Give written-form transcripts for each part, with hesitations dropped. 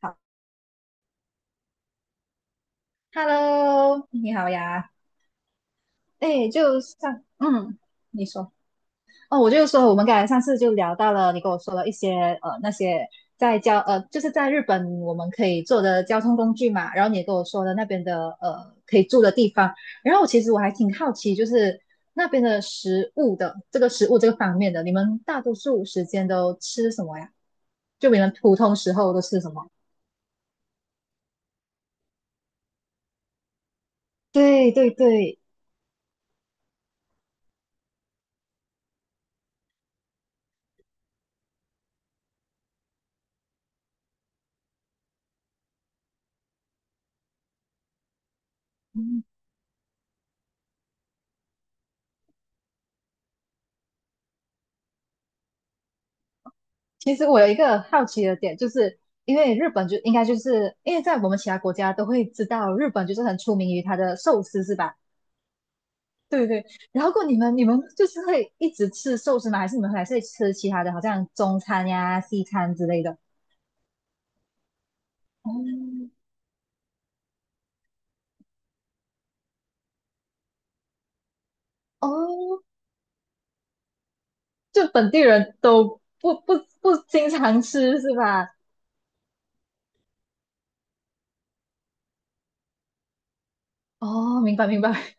好，Hello，你好呀。哎，就上，你说，哦，我就说我们刚才上次就聊到了，你跟我说了一些那些在就是在日本我们可以坐的交通工具嘛，然后你也跟我说了那边的可以住的地方，然后我其实还挺好奇，就是那边的食物这个方面的，你们大多数时间都吃什么呀？就你们普通时候都吃什么？对对对，其实我有一个好奇的点，就是因为日本就应该就是因为在我们其他国家都会知道，日本就是很出名于它的寿司，是吧？对对。然后你们就是会一直吃寿司吗？还是你们还是会吃其他的，好像中餐呀、西餐之类的？哦。哦，就本地人都不经常吃是吧？哦，明白明白。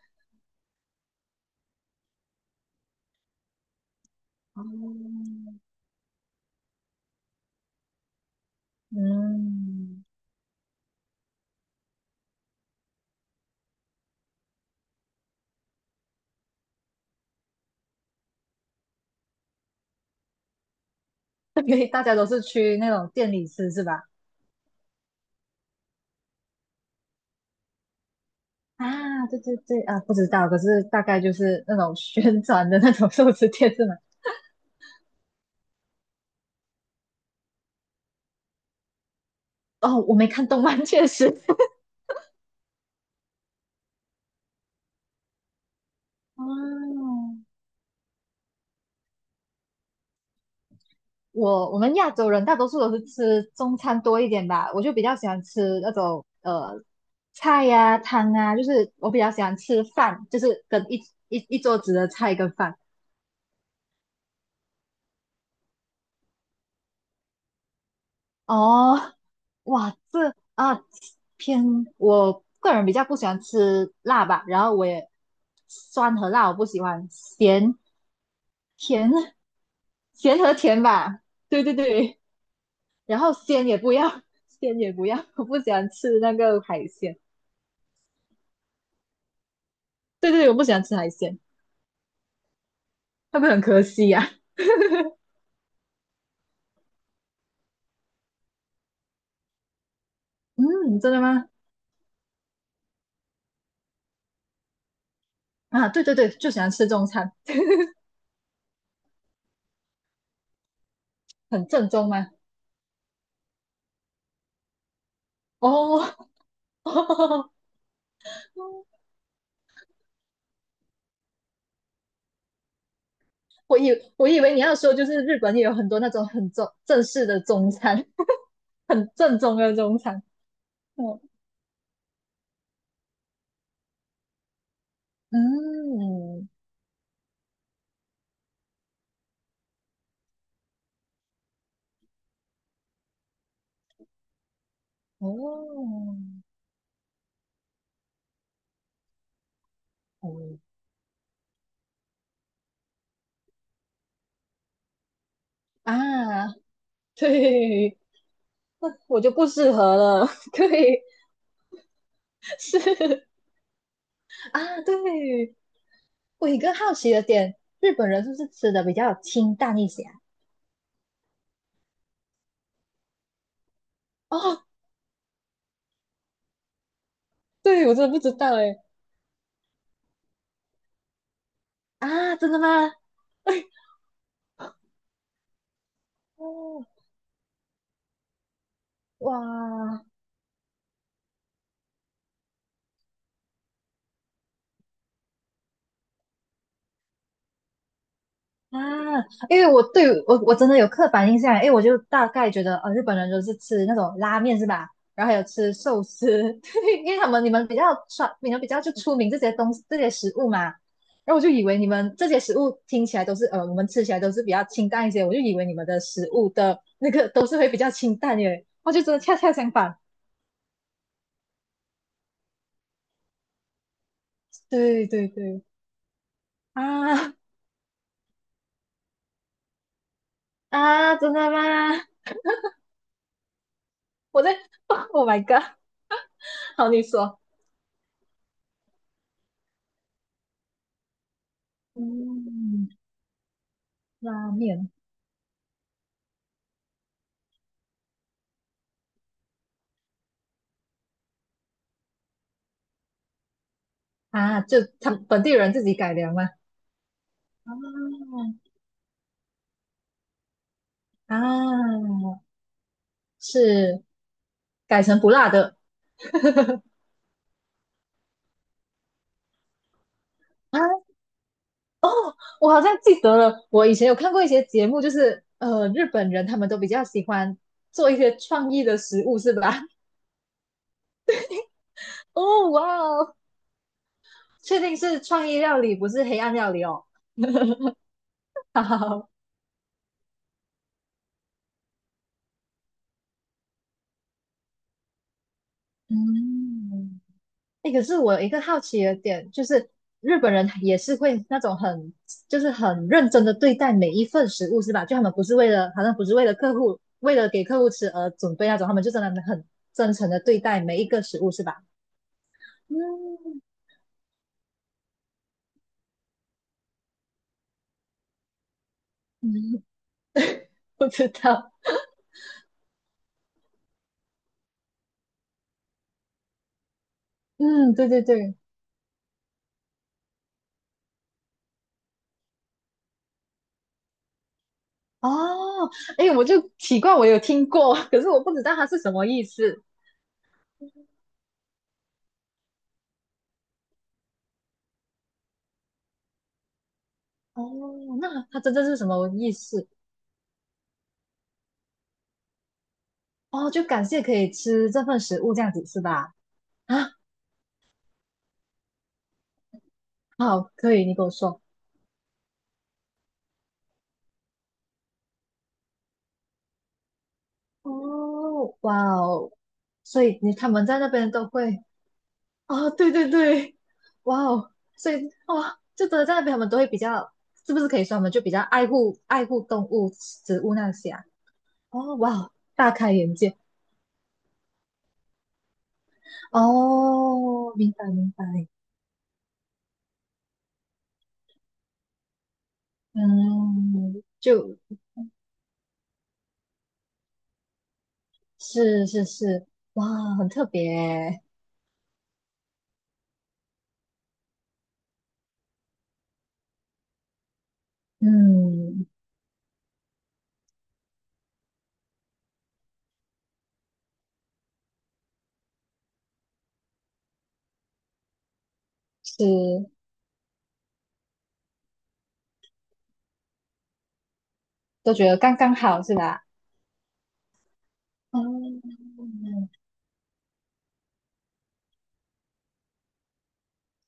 哦，嗯，对，大家都是去那种店里吃是吧？啊，对对对啊，不知道，可是大概就是那种宣传的那种寿司店是吗？哦，我没看动漫，确实。哦，我我们亚洲人大多数都是吃中餐多一点吧，我就比较喜欢吃那种菜呀、汤啊，就是我比较喜欢吃饭，就是跟一桌子的菜跟饭。哦，哇，这啊，偏，我个人比较不喜欢吃辣吧，然后我也酸和辣我不喜欢，咸甜，咸和甜吧，对对对，然后鲜也不要，鲜也不要，我不喜欢吃那个海鲜，对对，我不喜欢吃海鲜，会不会很可惜呀？嗯，真的吗？啊，对对对，就喜欢吃中餐，很正宗吗？哦，我以我以为你要说就是日本也有很多那种很正式的中餐，很正宗的中餐，嗯。嗯。哦。哦。啊，对，那我就不适合了。对，是。啊，对。我有一个好奇的点，日本人是不是吃的比较清淡一些啊？哦，对，我真的不知道哎。啊，真的吗？哎，哦，哇，啊，因为我对我我真的有刻板印象，因为我就大概觉得，呃，日本人都是吃那种拉面是吧？然后还有吃寿司，对因为你们比较传，你们比较就出名这些东西这些食物嘛。然后我就以为你们这些食物听起来都是，呃，我们吃起来都是比较清淡一些，我就以为你们的食物的都是会比较清淡耶，我就真的恰恰相反。对对对，啊。啊，真的吗？我在 ，Oh my god！好，你说，嗯，拉面。啊，就他们本地人自己改良吗？啊。啊，是改成不辣的。 啊！我好像记得了，我以前有看过一些节目，就是日本人他们都比较喜欢做一些创意的食物，是吧？哦，哇哦，确定是创意料理，不是黑暗料理哦。好，嗯。哎，可是我有一个好奇的点就是，日本人也是会那种很，就是很认真的对待每一份食物，是吧？就他们不是为了，好像不是为了客户，为了给客户吃而准备那种，他们就真的很真诚的对待每一个食物，是吧？嗯，嗯，不知道，嗯，对对对，哦，哎，我就奇怪，我有听过，可是我不知道它是什么意思。哦，那它真正是什么意思？哦，就感谢可以吃这份食物这样子是吧？啊，好，可以，你跟我说。哦，哇哦，所以你他们在那边都会，哦，对对对，哇哦，所以哇，就真的在那边他们都会比较，是不是可以说他们就比较爱护动物、植物那些啊？哦，哇哦，大开眼界。哦，明白明白，嗯，就。是是是，哇，很特别欸。嗯，是。都觉得刚刚好是吧？嗯，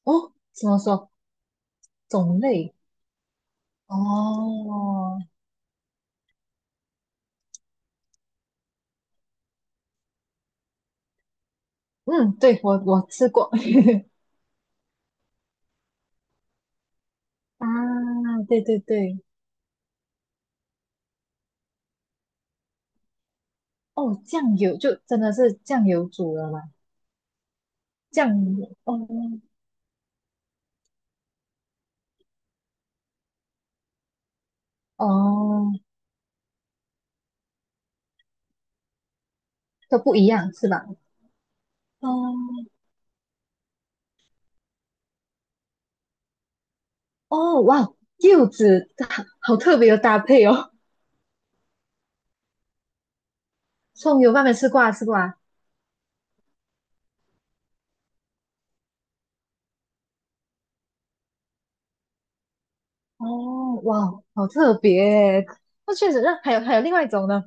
哦，怎么说？种类？哦，嗯，对，我我吃过。 啊，对对对，哦，酱油就真的是酱油煮的嘛，酱油，哦。哦，都不一样是吧？哦。哦，哇，柚子好好特别的搭配哦，葱油拌面吃过啊，吃过啊，哦哇，好特别耶。那确实，那还有还有另外一种呢，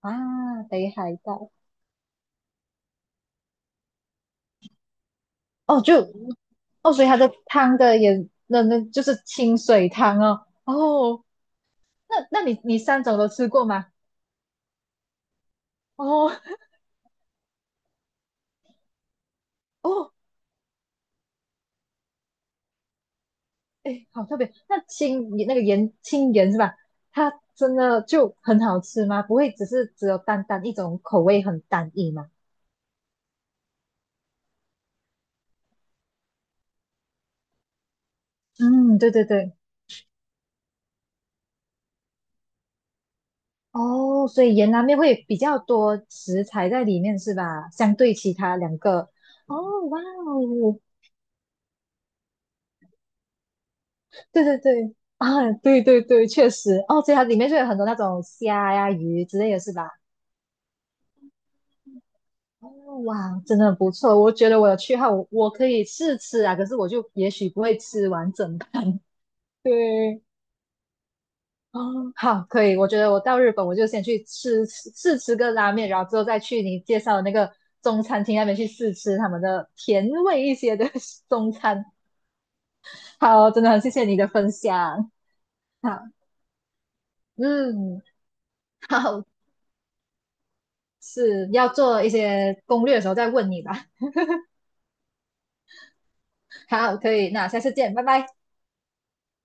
啊，北海道，哦，就，哦，所以它的汤的也，那那就是清水汤哦。哦，那那你三种都吃过吗？哦。哦，哎，好特别。那青那个盐，青盐是吧？它真的就很好吃吗？不会只是只有单单一种口味很单一吗？嗯，对对对。哦，所以盐拉面会比较多食材在里面是吧？相对其他两个。哦，哇哦，对对对啊，对对对，确实哦，所以它里面就有很多那种虾呀、鱼之类的是吧？哦哇，真的很不错，我觉得我有去后，我我可以试吃啊，可是我就也许不会吃完整盘。对，哦，好，可以，我觉得我到日本我就先去试吃个拉面，然后之后再去你介绍的那个中餐厅那边去试吃他们的甜味一些的 中餐。好，真的很谢谢你的分享。好，嗯，好，是要做一些攻略的时候再问你吧。好，可以，那下次见，拜拜。